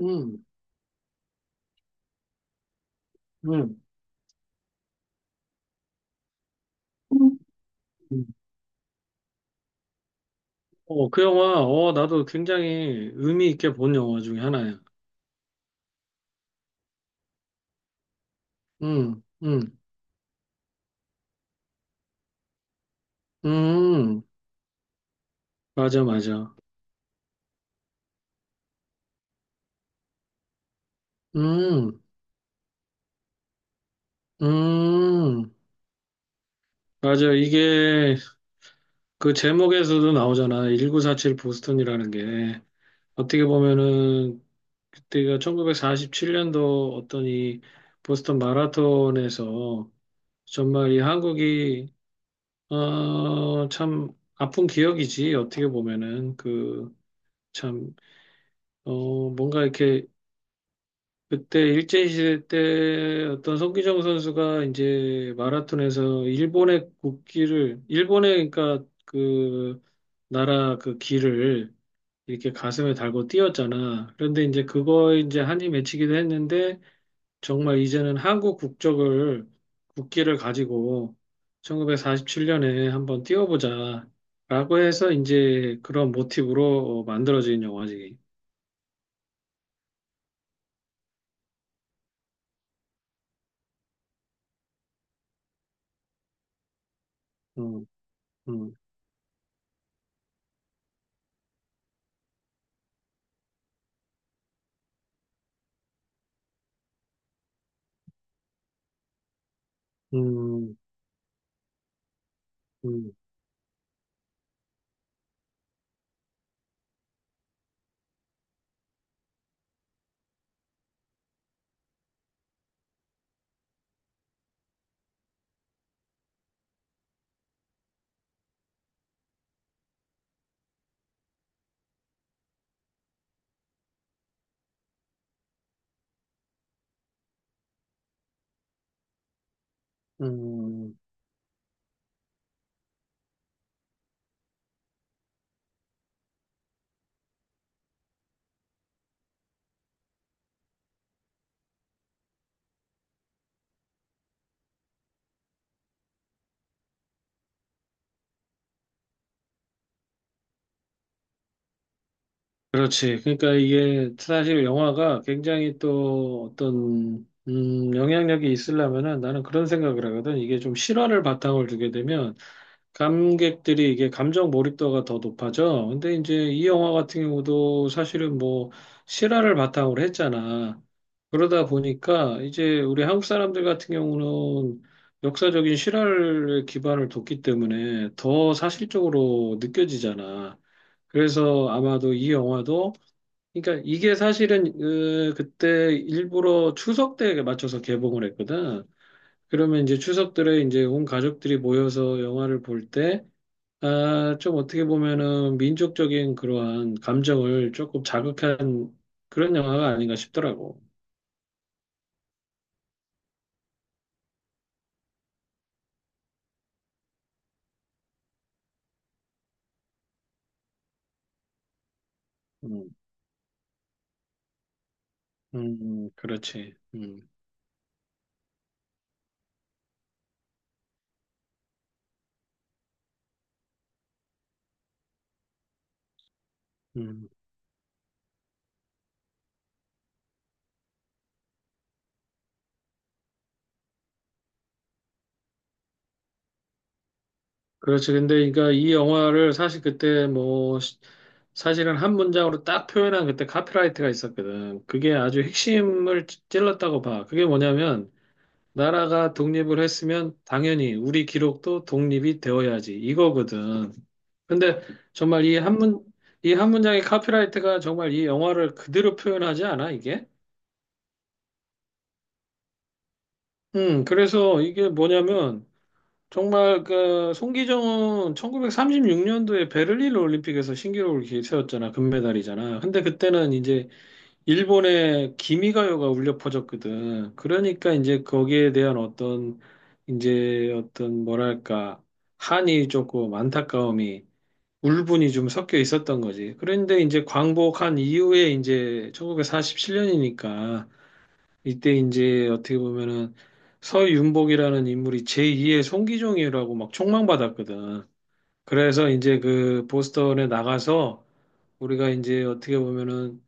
음, 음. 음. 어, 그 영화, 어, 나도 굉장히 의미 있게 본 영화 중에 하나야. 음, 음, 음, 맞아, 맞아. 음, 음, 맞아. 이게 그 제목에서도 나오잖아. 1947 보스턴이라는 게. 어떻게 보면은 그때가 1947년도 어떤 이 보스턴 마라톤에서 정말 이 한국이, 어, 참 아픈 기억이지. 어떻게 보면은 그 참, 어, 뭔가 이렇게 그때 일제시대 때 어떤 손기정 선수가 이제 마라톤에서 일본의 국기를, 일본의 그러니까 그 나라 그 길을 이렇게 가슴에 달고 뛰었잖아. 그런데 이제 그거 이제 한이 맺히기도 했는데 정말 이제는 한국 국적을 국기를 가지고 1947년에 한번 뛰어보자 라고 해서 이제 그런 모티브로 만들어진 영화지. 음, 음. 음, 음, 음. 그렇지. 그러니까 이게 사실 영화가 굉장히 또 어떤 영향력이 있으려면은 나는 그런 생각을 하거든. 이게 좀 실화를 바탕을 두게 되면 감객들이 이게 감정 몰입도가 더 높아져. 근데 이제 이 영화 같은 경우도 사실은 뭐 실화를 바탕으로 했잖아. 그러다 보니까 이제 우리 한국 사람들 같은 경우는 역사적인 실화를 기반을 뒀기 때문에 더 사실적으로 느껴지잖아. 그래서 아마도 이 영화도 그러니까 이게 사실은 그때 일부러 추석 때에 맞춰서 개봉을 했거든. 그러면 이제 추석 들에 이제 온 가족들이 모여서 영화를 볼때 아, 좀 어떻게 보면은 민족적인 그러한 감정을 조금 자극한 그런 영화가 아닌가 싶더라고. 음, 그렇지. 음, 그렇지. 근데 그러니까 이 영화를 사실 그때 뭐 사실은 한 문장으로 딱 표현한 그때 카피라이트가 있었거든. 그게 아주 핵심을 찔렀다고 봐. 그게 뭐냐면 나라가 독립을 했으면 당연히 우리 기록도 독립이 되어야지 이거거든. 근데 정말 이 한 문장의 카피라이트가 정말 이 영화를 그대로 표현하지 않아, 이게? 그래서 이게 뭐냐면 정말 그 송기정은 1936년도에 베를린 올림픽에서 신기록을 세웠잖아. 금메달이잖아. 근데 그때는 이제 일본의 기미가요가 울려 퍼졌거든. 그러니까 이제 거기에 대한 어떤 이제 어떤 뭐랄까 한이 조금 안타까움이 울분이 좀 섞여 있었던 거지. 그런데 이제 광복한 이후에 이제 1947년이니까 이때 이제 어떻게 보면은 서윤복이라는 인물이 제2의 송기종이라고 막 총망받았거든. 그래서 이제 그 보스턴에 나가서 우리가 이제 어떻게 보면은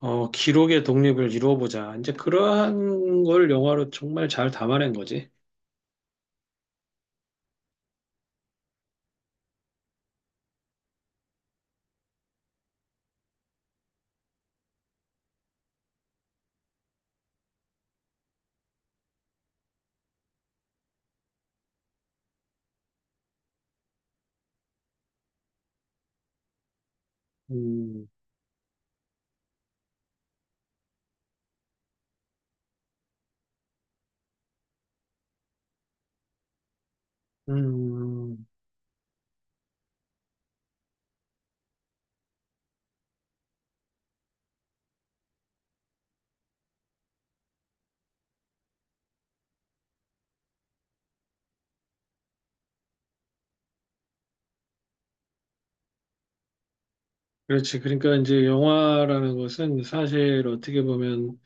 어, 기록의 독립을 이루어보자. 이제 그러한 걸 영화로 정말 잘 담아낸 거지. 음, 음, 그렇지. 그러니까 이제 영화라는 것은 사실 어떻게 보면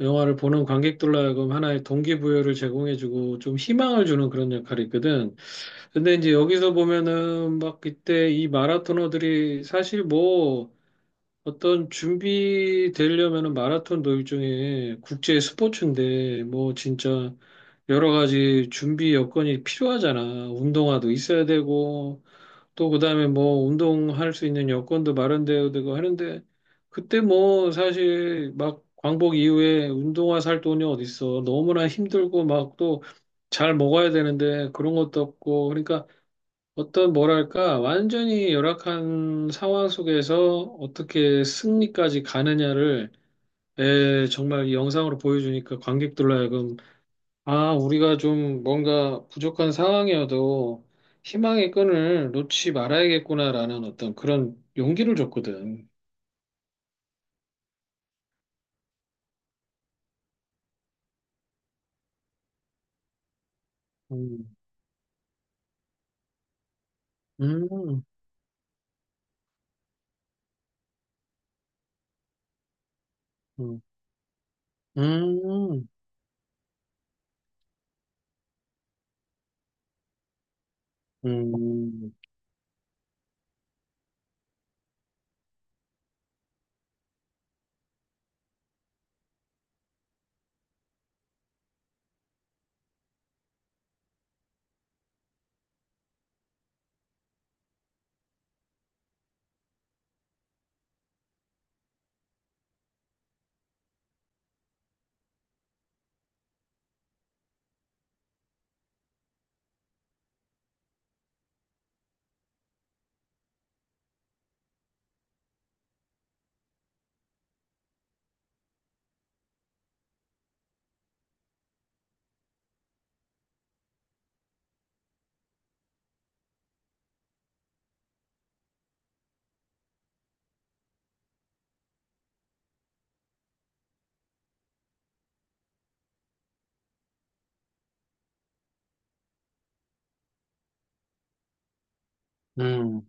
영화를 보는 관객들로 하여금 하나의 동기부여를 제공해주고 좀 희망을 주는 그런 역할이 있거든. 근데 이제 여기서 보면은 막 그때 이 마라토너들이 사실 뭐 어떤 준비되려면은 마라톤도 일종의 국제 스포츠인데 뭐 진짜 여러 가지 준비 여건이 필요하잖아. 운동화도 있어야 되고 또 그다음에 뭐 운동할 수 있는 여건도 마련되어고 하는데 그때 뭐 사실 막 광복 이후에 운동화 살 돈이 어딨어. 너무나 힘들고 막 또 잘 먹어야 되는데 그런 것도 없고 그러니까 어떤 뭐랄까 완전히 열악한 상황 속에서 어떻게 승리까지 가느냐를 에, 정말 이 영상으로 보여주니까 관객들로 하여금 아, 우리가 좀 뭔가 부족한 상황이어도 희망의 끈을 놓지 말아야겠구나라는 어떤 그런 용기를 줬거든. 음, 음, 음, 음, 음, 음.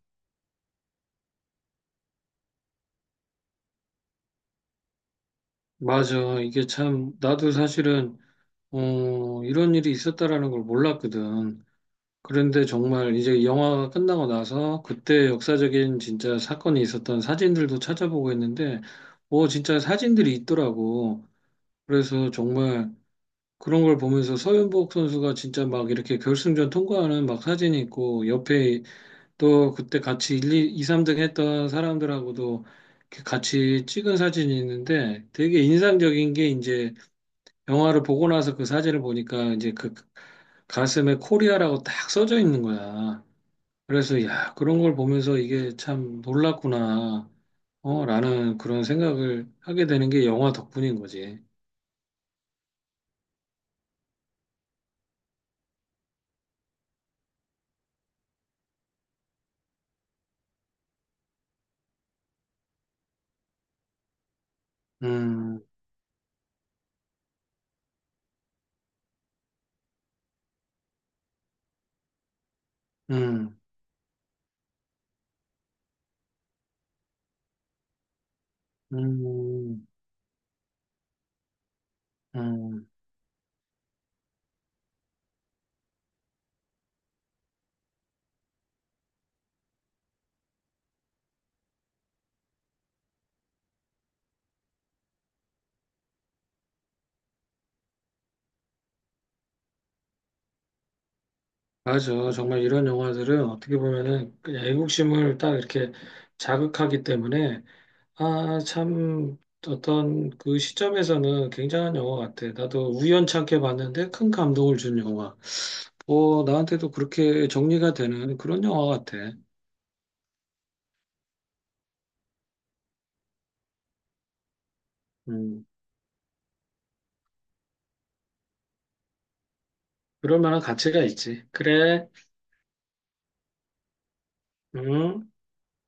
맞아. 이게 참, 나도 사실은, 어, 이런 일이 있었다라는 걸 몰랐거든. 그런데 정말 이제 영화가 끝나고 나서 그때 역사적인 진짜 사건이 있었던 사진들도 찾아보고 했는데, 뭐 진짜 사진들이 있더라고. 그래서 정말 그런 걸 보면서 서윤복 선수가 진짜 막 이렇게 결승전 통과하는 막 사진이 있고 옆에 또 그때 같이 1, 2, 3등 했던 사람들하고도 이렇게 같이 찍은 사진이 있는데 되게 인상적인 게 이제 영화를 보고 나서 그 사진을 보니까 이제 그 가슴에 코리아라고 딱 써져 있는 거야. 그래서 야, 그런 걸 보면서 이게 참 놀랐구나, 어, 라는 그런 생각을 하게 되는 게 영화 덕분인 거지. 음, 음, 음, 음. 맞아. 정말 이런 영화들은 어떻게 보면은 그냥 애국심을 딱 이렇게 자극하기 때문에 아, 참 어떤 그 시점에서는 굉장한 영화 같아. 나도 우연찮게 봤는데 큰 감동을 준 영화. 어, 나한테도 그렇게 정리가 되는 그런 영화 같아. 음, 그럴 만한 가치가 있지. 그래. 음.